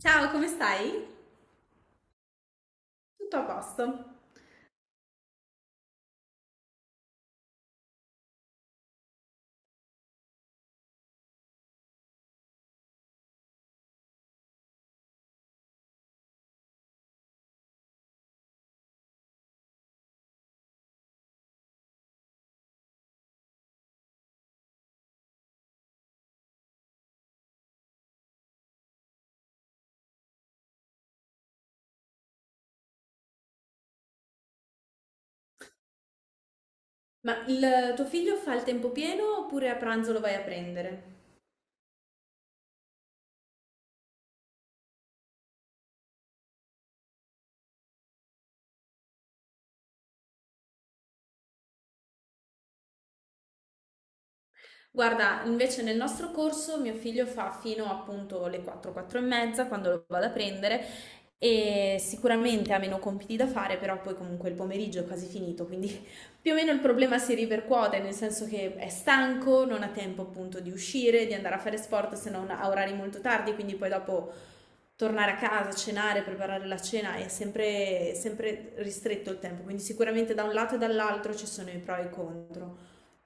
Ciao, come stai? Tutto a posto. Ma il tuo figlio fa il tempo pieno oppure a pranzo lo vai a prendere? Guarda, invece nel nostro corso mio figlio fa fino appunto alle 4, 4 e mezza quando lo vado a prendere e sicuramente ha meno compiti da fare, però poi comunque il pomeriggio è quasi finito, quindi più o meno il problema si ripercuote, nel senso che è stanco, non ha tempo appunto di uscire, di andare a fare sport se non a orari molto tardi, quindi poi dopo tornare a casa, cenare, preparare la cena è sempre, sempre ristretto il tempo, quindi sicuramente da un lato e dall'altro ci sono i pro e i contro.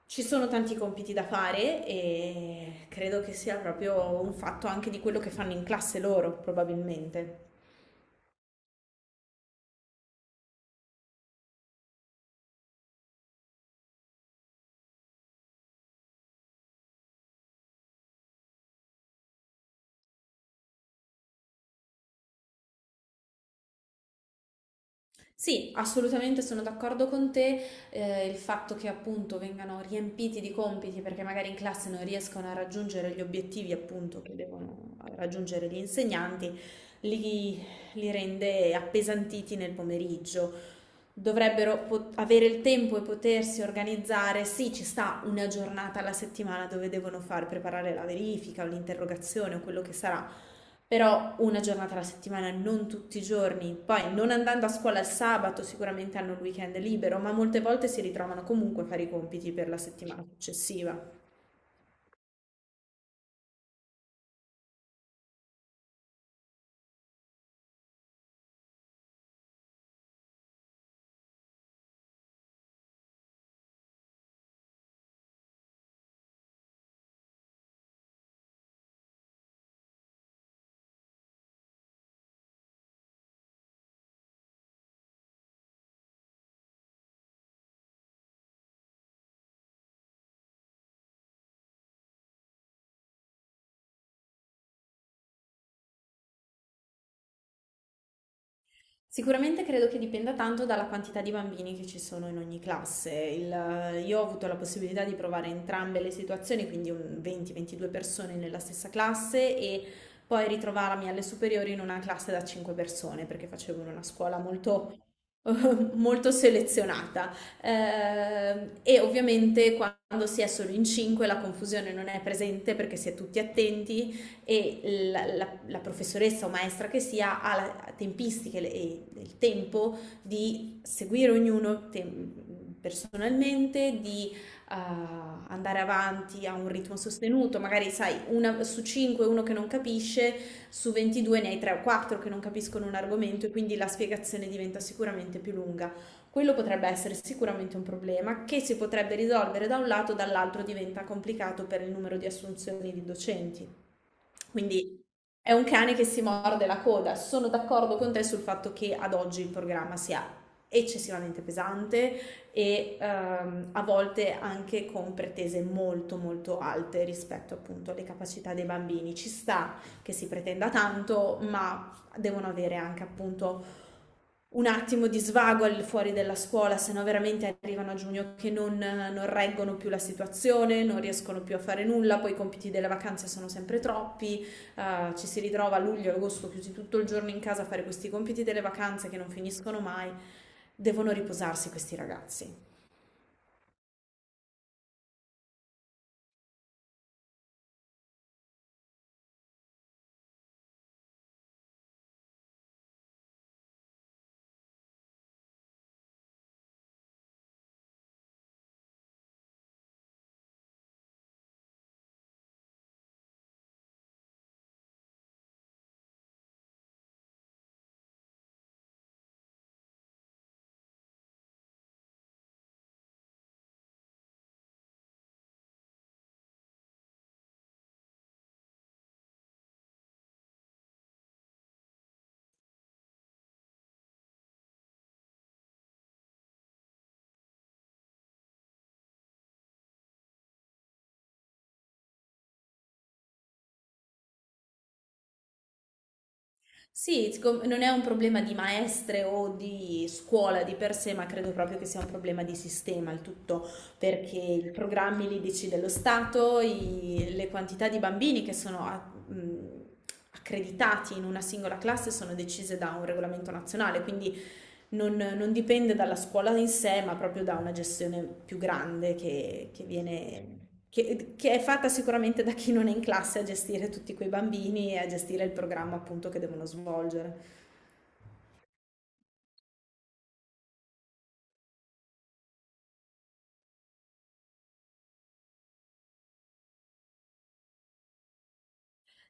Ci sono tanti compiti da fare e credo che sia proprio un fatto anche di quello che fanno in classe loro, probabilmente. Sì, assolutamente sono d'accordo con te, il fatto che appunto vengano riempiti di compiti perché magari in classe non riescono a raggiungere gli obiettivi appunto che devono raggiungere gli insegnanti, li, li rende appesantiti nel pomeriggio. Dovrebbero avere il tempo e potersi organizzare. Sì, ci sta una giornata alla settimana dove devono far preparare la verifica o l'interrogazione o quello che sarà, però una giornata alla settimana, non tutti i giorni. Poi non andando a scuola il sabato sicuramente hanno il weekend libero, ma molte volte si ritrovano comunque a fare i compiti per la settimana successiva. Sicuramente credo che dipenda tanto dalla quantità di bambini che ci sono in ogni classe. Io ho avuto la possibilità di provare entrambe le situazioni, quindi un 20-22 persone nella stessa classe e poi ritrovarmi alle superiori in una classe da 5 persone, perché facevo in una scuola molto, molto selezionata. E ovviamente quando si è solo in 5 la confusione non è presente perché si è tutti attenti e la professoressa o maestra che sia ha la tempistica e il tempo di seguire ognuno personalmente, di andare avanti a un ritmo sostenuto, magari sai, una, su 5 uno che non capisce, su 22 ne hai 3 o 4 che non capiscono un argomento e quindi la spiegazione diventa sicuramente più lunga. Quello potrebbe essere sicuramente un problema che si potrebbe risolvere da un lato, dall'altro diventa complicato per il numero di assunzioni di docenti. Quindi è un cane che si morde la coda. Sono d'accordo con te sul fatto che ad oggi il programma sia eccessivamente pesante e a volte anche con pretese molto molto alte rispetto appunto alle capacità dei bambini. Ci sta che si pretenda tanto, ma devono avere anche appunto un attimo di svago al fuori della scuola, se no veramente arrivano a giugno che non, non reggono più la situazione, non riescono più a fare nulla, poi i compiti delle vacanze sono sempre troppi, ci si ritrova a luglio e agosto chiusi tutto il giorno in casa a fare questi compiti delle vacanze che non finiscono mai. Devono riposarsi questi ragazzi. Sì, siccome non è un problema di maestre o di scuola di per sé, ma credo proprio che sia un problema di sistema il tutto, perché i programmi li decide lo Stato, le quantità di bambini che sono mh, accreditati in una singola classe sono decise da un regolamento nazionale, quindi non, non dipende dalla scuola in sé, ma proprio da una gestione più grande che viene, che è fatta sicuramente da chi non è in classe a gestire tutti quei bambini e a gestire il programma appunto che devono svolgere.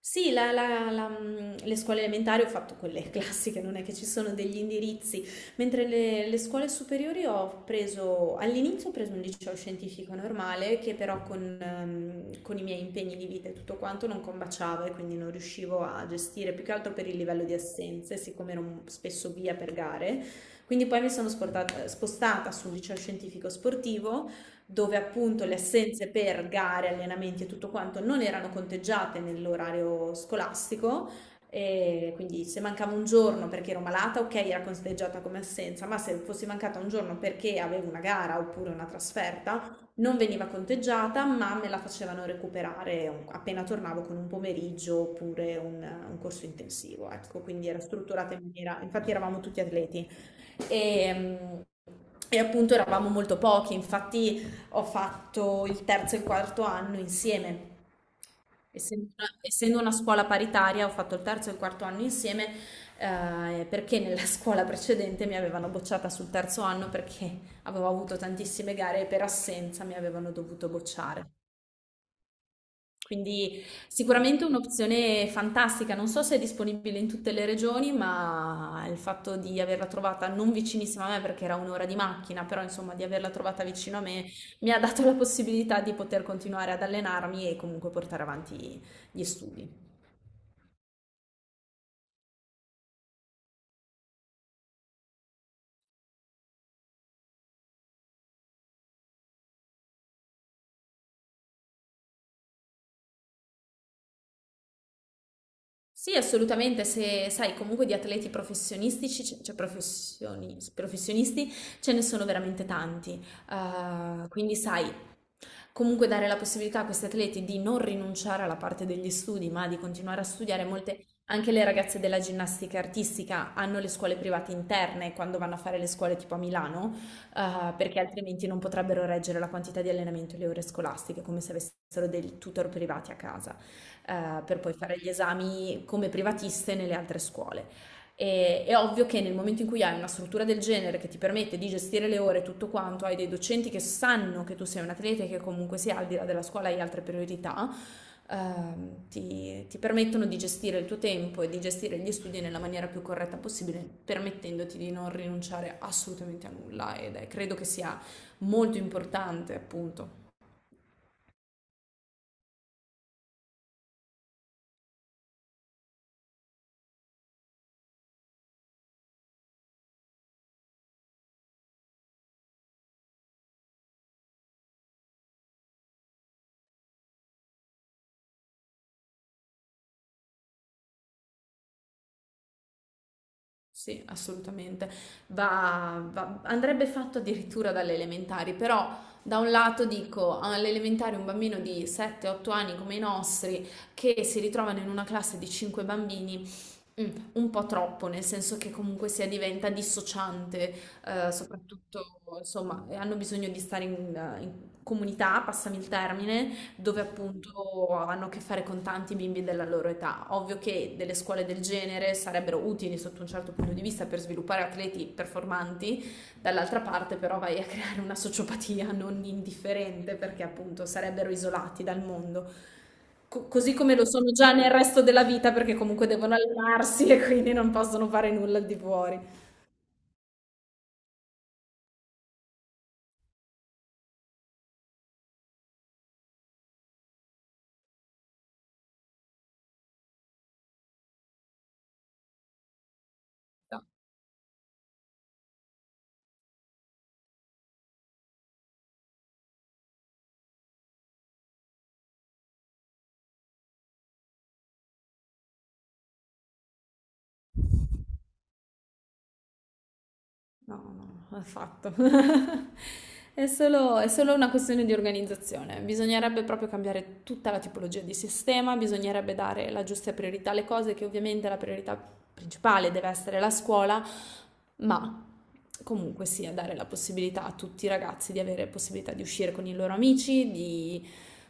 Sì, le scuole elementari ho fatto quelle classiche, non è che ci sono degli indirizzi, mentre le scuole superiori ho preso, all'inizio ho preso un liceo scientifico normale che però con i miei impegni di vita e tutto quanto non combaciava e quindi non riuscivo a gestire, più che altro per il livello di assenze, siccome ero spesso via per gare, quindi poi mi sono spostata sul liceo scientifico sportivo dove appunto le assenze per gare, allenamenti e tutto quanto non erano conteggiate nell'orario scolastico. E quindi se mancava un giorno perché ero malata, ok, era conteggiata come assenza, ma se fossi mancata un giorno perché avevo una gara oppure una trasferta, non veniva conteggiata, ma me la facevano recuperare appena tornavo con un pomeriggio oppure un corso intensivo. Ecco, quindi era strutturata in maniera, infatti eravamo tutti atleti. E, mm, e appunto eravamo molto pochi, infatti ho fatto il terzo e il quarto anno insieme. Essendo una scuola paritaria, ho fatto il terzo e il quarto anno insieme, perché nella scuola precedente mi avevano bocciata sul terzo anno perché avevo avuto tantissime gare e per assenza mi avevano dovuto bocciare. Quindi sicuramente un'opzione fantastica, non so se è disponibile in tutte le regioni, ma il fatto di averla trovata non vicinissima a me perché era 1 ora di macchina, però insomma di averla trovata vicino a me mi ha dato la possibilità di poter continuare ad allenarmi e comunque portare avanti gli studi. Sì, assolutamente, se sai comunque di atleti professionistici, professionisti, ce ne sono veramente tanti. Quindi sai, comunque dare la possibilità a questi atleti di non rinunciare alla parte degli studi, ma di continuare a studiare. Molte, anche le ragazze della ginnastica artistica hanno le scuole private interne quando vanno a fare le scuole tipo a Milano, perché altrimenti non potrebbero reggere la quantità di allenamento e le ore scolastiche, come se avessero dei tutor privati a casa, per poi fare gli esami come privatiste nelle altre scuole. E, è ovvio che nel momento in cui hai una struttura del genere che ti permette di gestire le ore e tutto quanto, hai dei docenti che sanno che tu sei un atleta e che comunque sia al di là della scuola hai altre priorità, ti permettono di gestire il tuo tempo e di gestire gli studi nella maniera più corretta possibile, permettendoti di non rinunciare assolutamente a nulla ed è, credo che sia molto importante appunto. Sì, assolutamente. Andrebbe fatto addirittura dalle elementari, però da un lato dico alle elementari un bambino di 7-8 anni come i nostri che si ritrovano in una classe di 5 bambini. Mm, un po' troppo, nel senso che comunque sia diventa dissociante, soprattutto insomma, hanno bisogno di stare in comunità, passami il termine, dove appunto hanno a che fare con tanti bimbi della loro età. Ovvio che delle scuole del genere sarebbero utili sotto un certo punto di vista per sviluppare atleti performanti, dall'altra parte però vai creare una sociopatia non indifferente perché appunto sarebbero isolati dal mondo. Co- così come lo sono già nel resto della vita perché comunque devono allenarsi e quindi non possono fare nulla al di fuori. No, no, no, affatto. È solo una questione di organizzazione. Bisognerebbe proprio cambiare tutta la tipologia di sistema, bisognerebbe dare la giusta priorità alle cose, che ovviamente la priorità principale deve essere la scuola, ma comunque sia dare la possibilità a tutti i ragazzi di avere possibilità di uscire con i loro amici, di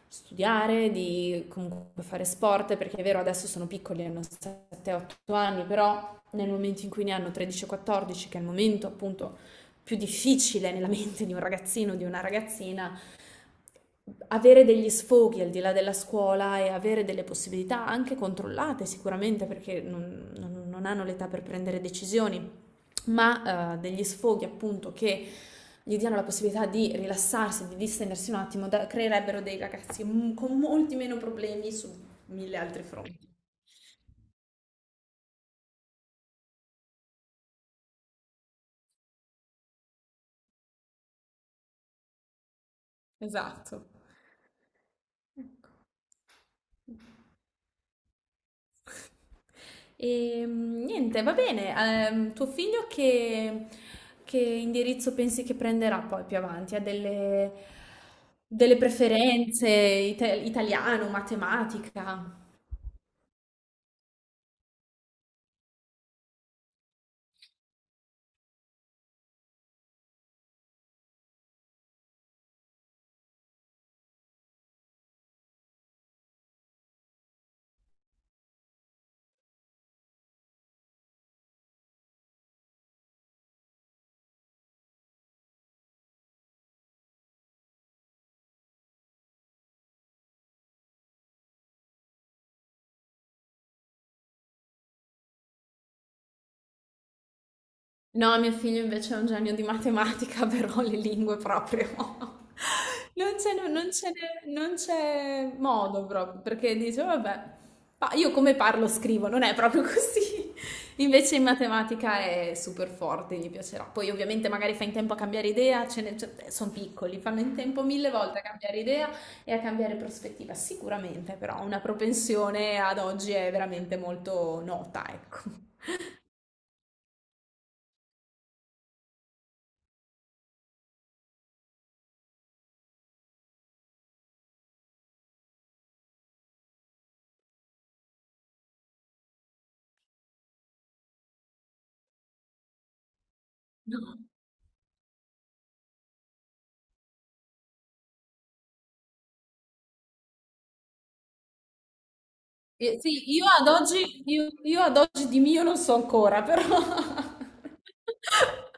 studiare, di comunque fare sport, perché è vero adesso sono piccoli, hanno 7-8 anni, però nel momento in cui ne hanno 13 o 14, che è il momento appunto più difficile nella mente di un ragazzino o di una ragazzina, avere degli sfoghi al di là della scuola e avere delle possibilità anche controllate sicuramente perché non hanno l'età per prendere decisioni, ma degli sfoghi appunto che gli diano la possibilità di rilassarsi, di distendersi un attimo, creerebbero dei ragazzi con molti meno problemi su mille altri fronti. Esatto. E niente, va bene. Che indirizzo pensi che prenderà poi più avanti? Ha delle preferenze, italiano, matematica? No, mio figlio invece è un genio di matematica, però le lingue proprio. Non ce n'è non ce n'è- Non c'è modo proprio, perché dice, vabbè, io come parlo scrivo, non è proprio così. Invece in matematica è super forte, gli piacerà. Poi ovviamente magari fa in tempo a cambiare idea, sono piccoli, fanno in tempo mille volte a cambiare idea e a cambiare prospettiva, sicuramente, però una propensione ad oggi è veramente molto nota, ecco. No. Sì, io ad oggi di mio non so ancora, però...